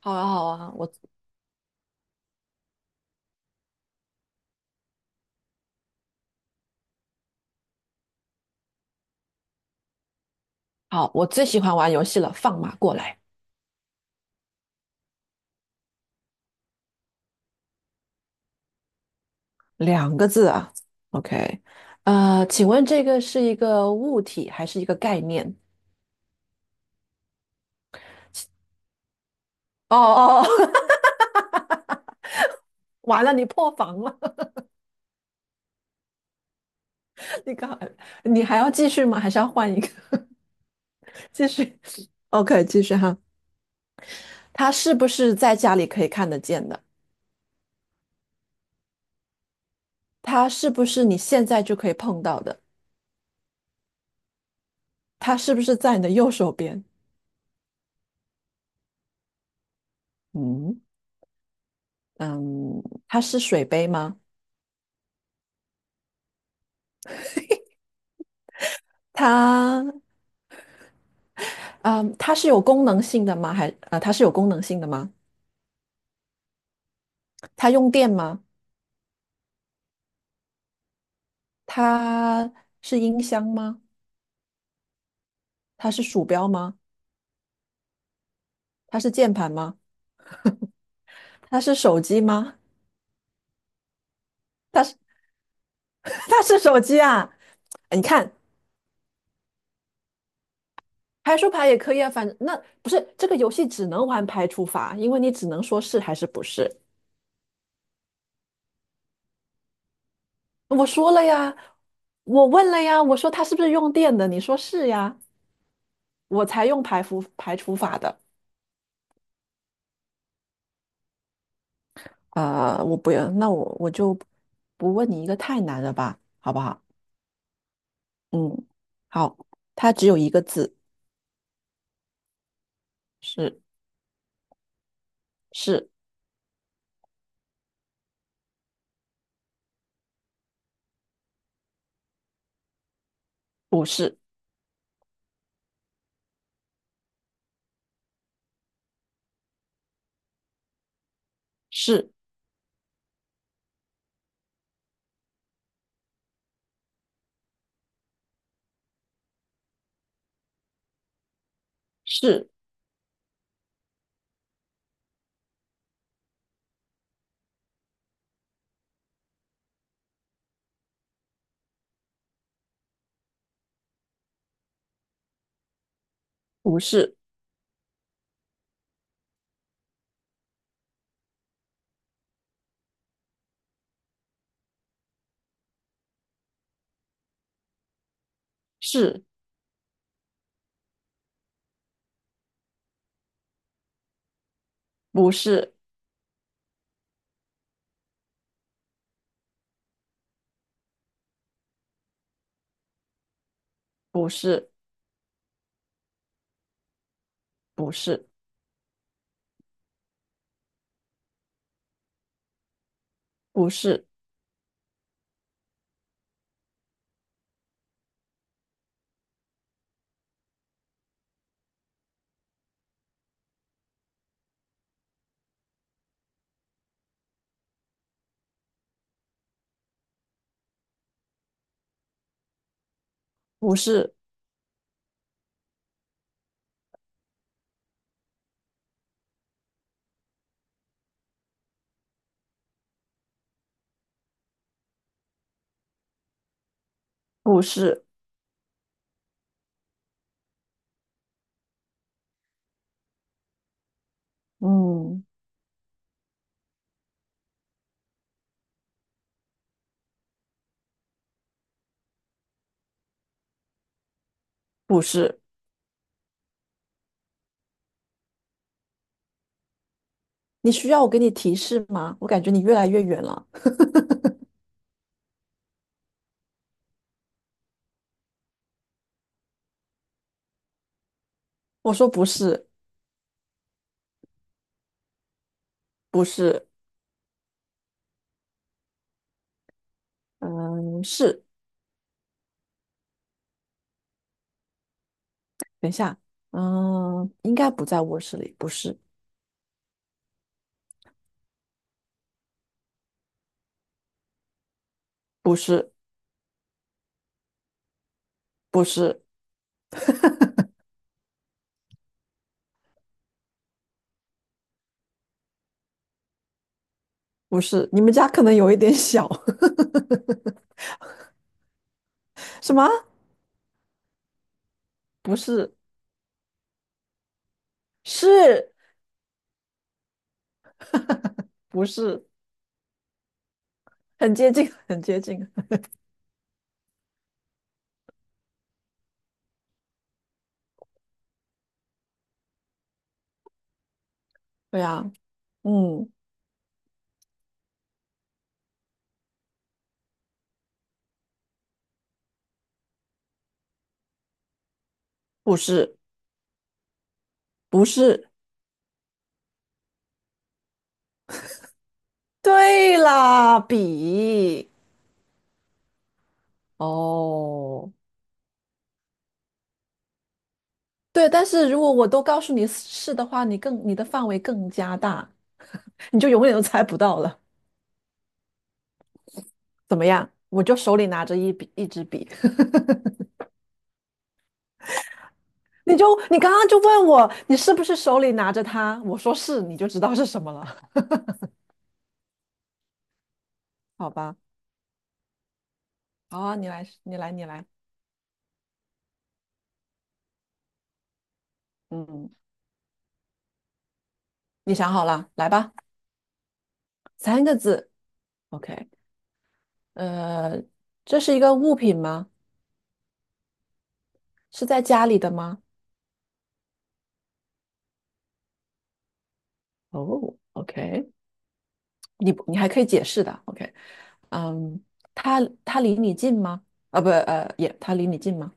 好啊，好啊，我最喜欢玩游戏了，放马过来，两个字啊。OK，请问这个是一个物体还是一个概念？哦哦，完了，你破防了，你刚，你还要继续吗？还是要换一个？继续，OK，继续哈。它是不是在家里可以看得见的？它是不是你现在就可以碰到的？它是不是在你的右手边？嗯嗯，它是水杯吗？它。嗯，它是有功能性的吗？它是有功能性的吗？它用电吗？它是音箱吗？它是鼠标吗？它是键盘吗？它是手机吗？它是 它是手机啊！哎你看，排除法也可以啊，反正那不是这个游戏只能玩排除法，因为你只能说是还是不是。我说了呀，我问了呀，我说它是不是用电的？你说是呀，我才用排除法的。我不要，那我就不问你一个太难的吧，好不好？嗯，好，它只有一个字，是是不是是是不是是不是不是不是不是不是不是，嗯，不是。你需要我给你提示吗？我感觉你越来越远了。我说不是不是，嗯，是。等一下，嗯，应该不在卧室里，不是不是。不是不是，你们家可能有一点小。什么？不是，是不是？很接近，很接近。对呀，啊嗯，不是，不是。对啦，比。哦，对，但是如果我都告诉你是的话，你的范围更加大，你就永远都猜不到了。怎么样？我就手里拿着一支笔，你刚刚就问我你是不是手里拿着它，我说是，你就知道是什么了，好吧？好，你来，你来，你来。嗯，你想好了，来吧。三个字。OK。呃，这是一个物品吗？是在家里的吗？哦，OK。你不你还可以解释的。OK。嗯，它它离你近吗？啊，不，呃，也，它离你近吗？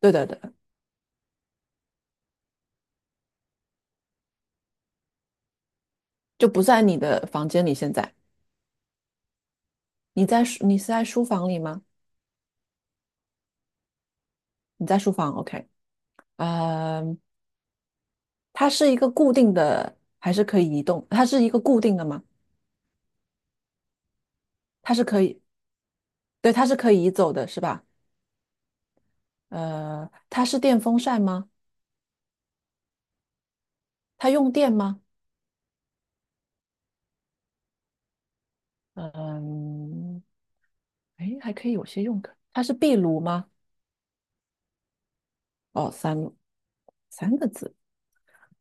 对的对的，就不在你的房间里。现在你是在书房里吗？你在书房。OK。呃，它是一个固定的，还是可以移动？它是一个固定的吗？它是可以。对，它是可以移走的，是吧？它是电风扇吗？它用电吗？嗯，哎，还可以有些用的。它是壁炉吗？哦，三个字。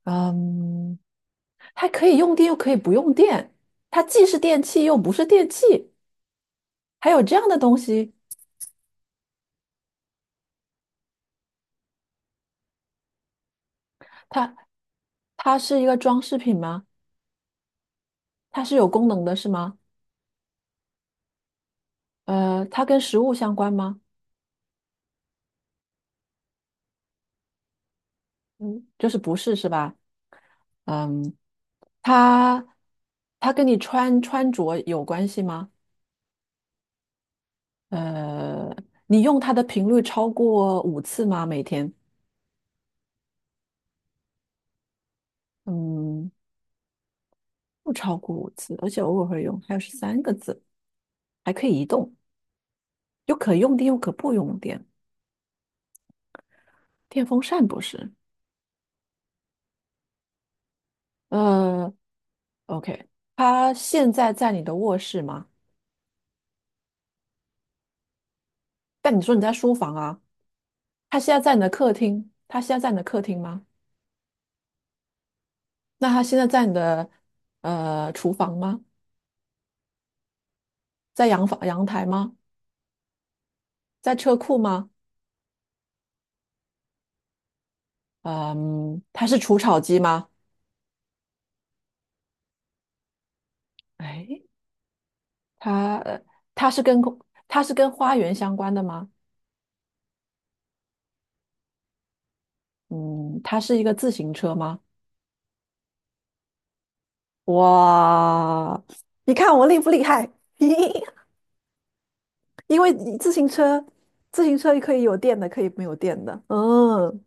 嗯，它可以用电，又可以不用电。它既是电器，又不是电器。还有这样的东西，它它是一个装饰品吗？它是有功能的，是吗？它跟食物相关吗？嗯，就是不是是吧？嗯，它它跟你穿着有关系吗？呃，你用它的频率超过五次吗？每天？嗯，不超过五次，而且偶尔会用。还有13个字，还可以移动，又可用电又可不用电。电风扇不是？呃，OK，它现在在你的卧室吗？但你说你在书房啊，它现在在你的客厅吗？那它现在在你的厨房吗？在阳台吗？在车库吗？嗯，它是除草机吗？哎，它呃它是跟他它是跟花园相关的吗？嗯，它是一个自行车吗？哇，你看我厉不厉害？因为自行车可以有电的，可以没有电的。嗯，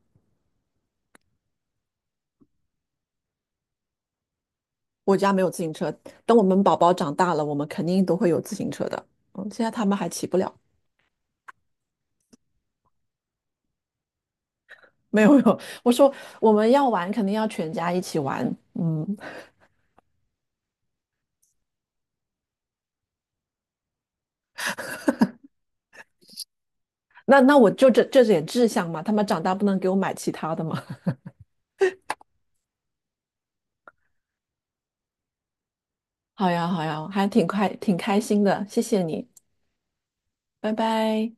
我家没有自行车，等我们宝宝长大了，我们肯定都会有自行车的。嗯，现在他们还骑不了。没有没有，我说我们要玩，肯定要全家一起玩。嗯，那我就这点志向嘛，他们长大不能给我买其他的嘛。好呀好呀，还挺快挺开心的，谢谢你，拜拜。